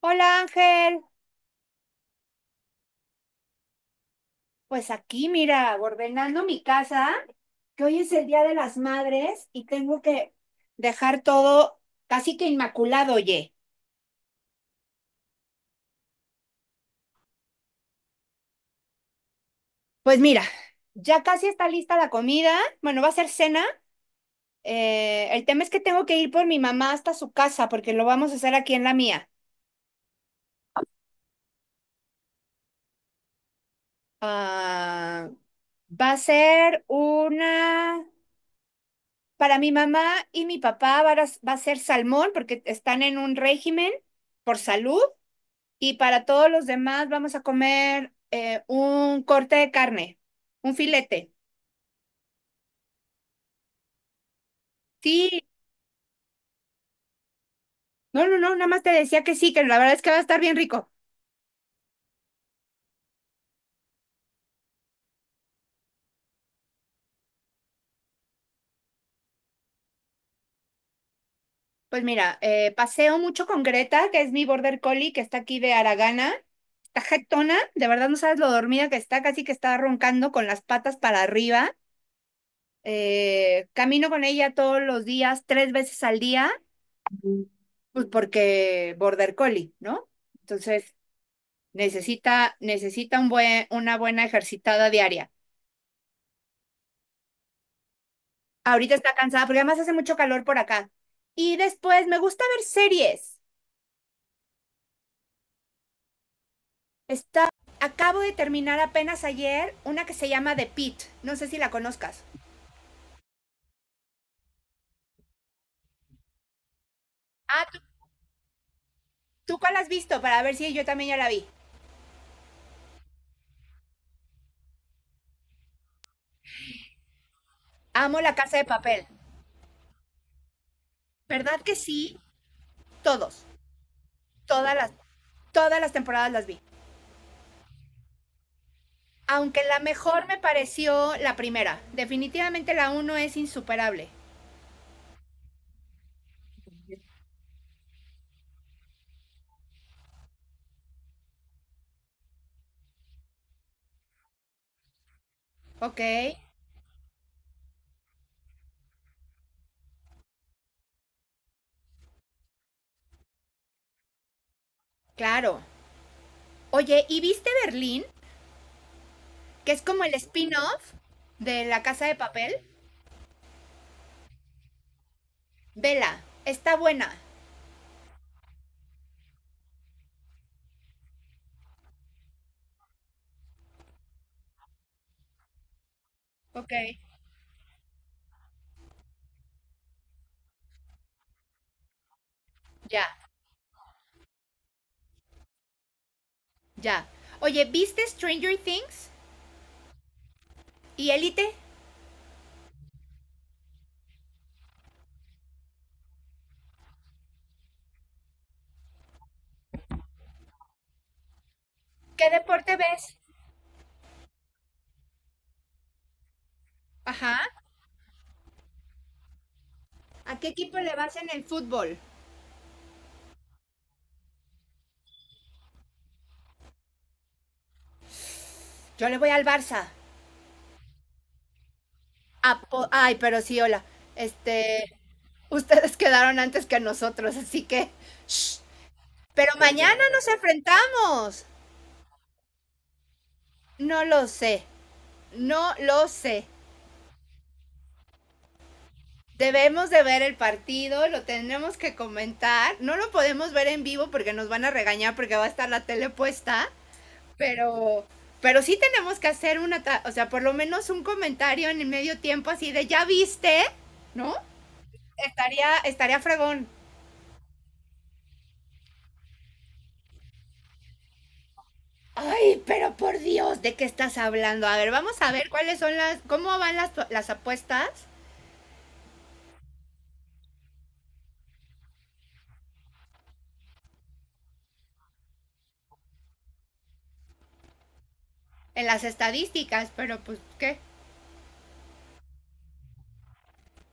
Hola Ángel, pues aquí mira, ordenando mi casa, que hoy es el Día de las Madres y tengo que dejar todo casi que inmaculado, oye. Pues mira, ya casi está lista la comida, bueno, va a ser cena. El tema es que tengo que ir por mi mamá hasta su casa porque lo vamos a hacer aquí en la mía. Ah, va a ser una. Para mi mamá y mi papá va a ser salmón porque están en un régimen por salud. Y para todos los demás vamos a comer un corte de carne, un filete. Sí, no, no, no, nada más te decía que sí, que la verdad es que va a estar bien rico. Pues mira, paseo mucho con Greta, que es mi border collie, que está aquí de Aragana. Está jetona, de verdad no sabes lo dormida que está, casi que está roncando con las patas para arriba. Camino con ella todos los días, tres veces al día, pues porque border collie, ¿no? Entonces, necesita una buena ejercitada diaria. Ahorita está cansada porque además hace mucho calor por acá. Y después me gusta ver series. Está, Acabo de terminar apenas ayer una que se llama The Pitt. No sé si la conozcas. Ah, ¿tú cuál has visto? Para ver si yo también ya la vi. Amo La Casa de Papel. ¿Verdad que sí? Todos. Todas las, todas las temporadas las vi. Aunque la mejor me pareció la primera. Definitivamente la uno es insuperable. Ok, claro. Oye, ¿y viste Berlín? Que es como el spin-off de La Casa de Papel. Vela, está buena. Ok. Ya, ya. Oye, ¿viste Stranger Things? ¿Y Elite? ¿Qué deporte ves? Ajá. ¿A qué equipo le vas en el fútbol? Yo le voy al Barça. Ay, pero sí, hola. Este, ustedes quedaron antes que nosotros, así que. Shh. Pero mañana nos enfrentamos. No lo sé. No lo sé. Debemos de ver el partido, lo tendremos que comentar. No lo podemos ver en vivo porque nos van a regañar porque va a estar la tele puesta, pero pero sí tenemos que hacer una, o sea, por lo menos un comentario en el medio tiempo así de ya viste, ¿no? Estaría fregón. Ay, pero por Dios, ¿de qué estás hablando? A ver, vamos a ver cuáles son las cómo van las apuestas en las estadísticas, pero pues ¿qué?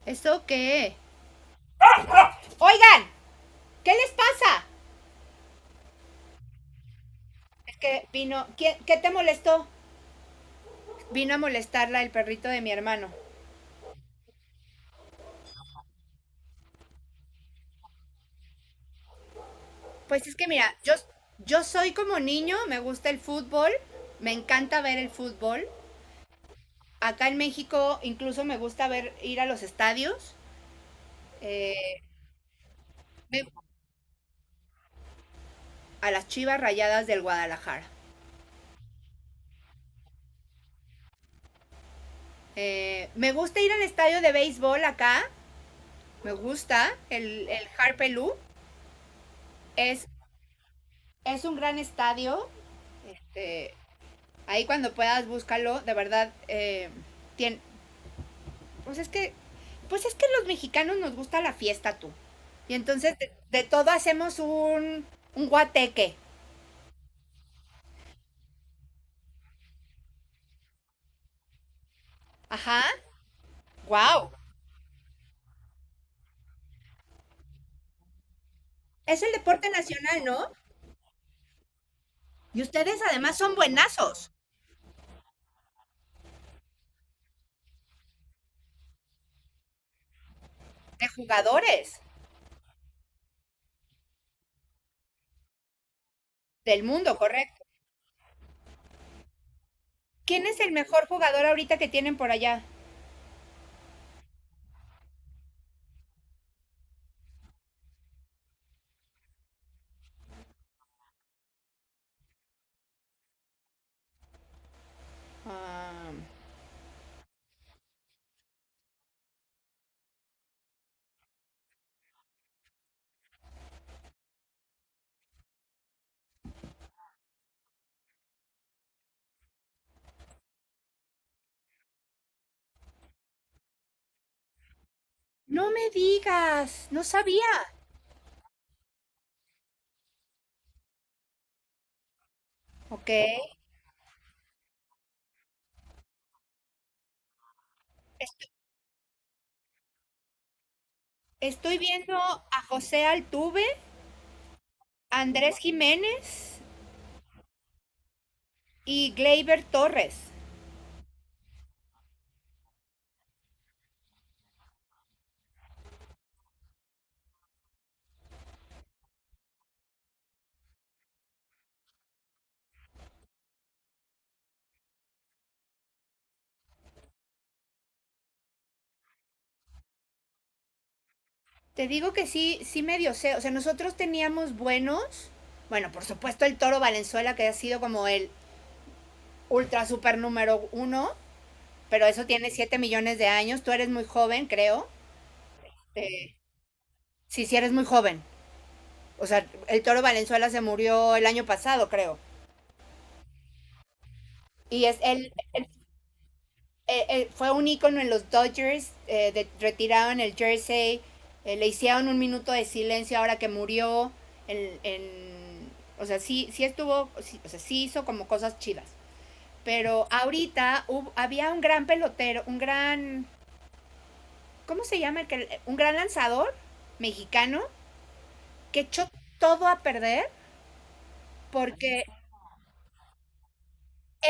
¿Eso qué? Oigan, ¿qué les pasa? Que vino, ¿qué te molestó? Vino a molestarla el perrito de mi hermano. Pues es que mira, yo soy como niño, me gusta el fútbol, me encanta ver el fútbol. Acá en México incluso me gusta ver ir a los estadios, eh, a las Chivas Rayadas del Guadalajara. Me gusta ir al estadio de béisbol acá, me gusta, el Harpelú. Es, es un gran estadio, eh, ahí cuando puedas búscalo, de verdad, tien, Pues es que, pues es que los mexicanos nos gusta la fiesta, tú. Y entonces de todo hacemos un guateque. Ajá. Wow. Es el deporte nacional, ¿no? Y ustedes además son buenazos de jugadores del mundo, ¿correcto? ¿Quién es el mejor jugador ahorita que tienen por allá? Ah, no me digas, no sabía. Ok. Es- Estoy viendo a José Altuve, Andrés Jiménez y Gleyber Torres. Te digo que sí, sí medio sé. O sea, nosotros teníamos buenos. Bueno, por supuesto el Toro Valenzuela, que ha sido como el ultra super número uno, pero eso tiene 7 millones de años. Tú eres muy joven, creo. Eh, sí, sí eres muy joven. O sea, el Toro Valenzuela se murió el año pasado, creo. Y es el fue un ícono en los Dodgers, retiraron el jersey, le hicieron un minuto de silencio ahora que murió, en, en- o sea, sí, sí estuvo, o sea, sí hizo como cosas chidas. Pero ahorita había un gran pelotero, un gran, ¿cómo se llama? Un gran lanzador mexicano que echó todo a perder porque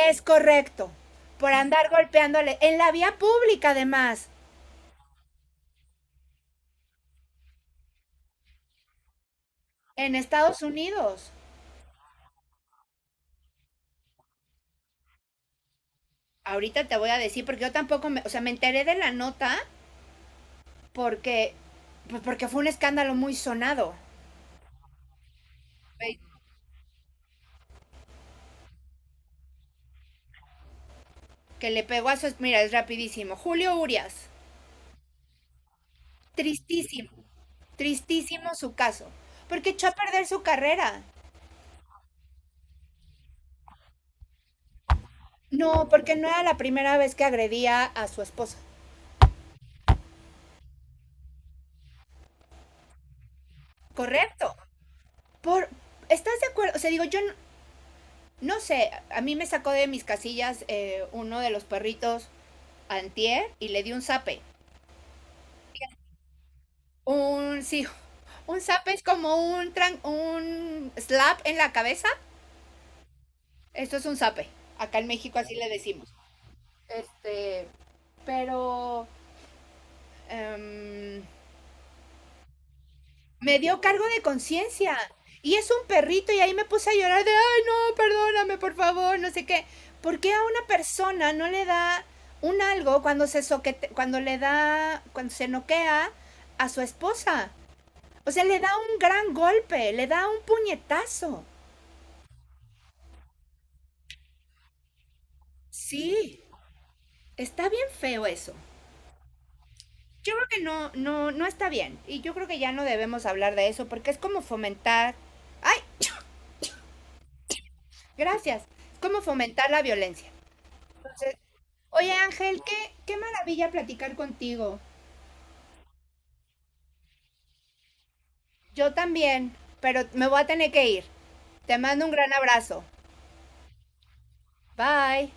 es correcto, por andar golpeándole en la vía pública además, en Estados Unidos. Ahorita te voy a decir, porque yo tampoco, o sea, me enteré de la nota porque, pues porque fue un escándalo muy sonado. Que le pegó a su. Mira, es rapidísimo. Julio Urias, tristísimo, tristísimo su caso, porque echó a perder su carrera. No, porque no era la primera vez que agredía a su esposa. Correcto. Por, ¿Estás de acuerdo? O sea, digo, yo no, no sé, a mí me sacó de mis casillas uno de los perritos antier y le di un zape. Sí, un zape es como un slap en la cabeza. Esto es un zape. Acá en México así le decimos. Este, pero em, me dio cargo de conciencia. Y es un perrito y ahí me puse a llorar de, ay, no, perdóname, por favor, no sé qué. ¿Por qué a una persona no le da un algo cuando se soquete, cuando le da, cuando se noquea a su esposa? O sea, le da un gran golpe, le da un puñetazo. Sí, está bien feo eso. Yo creo que no, no, no está bien. Y yo creo que ya no debemos hablar de eso porque es como fomentar. ¡Ay! Gracias. Es como fomentar la violencia. Entonces, oye Ángel, qué, qué maravilla platicar contigo. Yo también, pero me voy a tener que ir. Te mando un gran abrazo. Bye.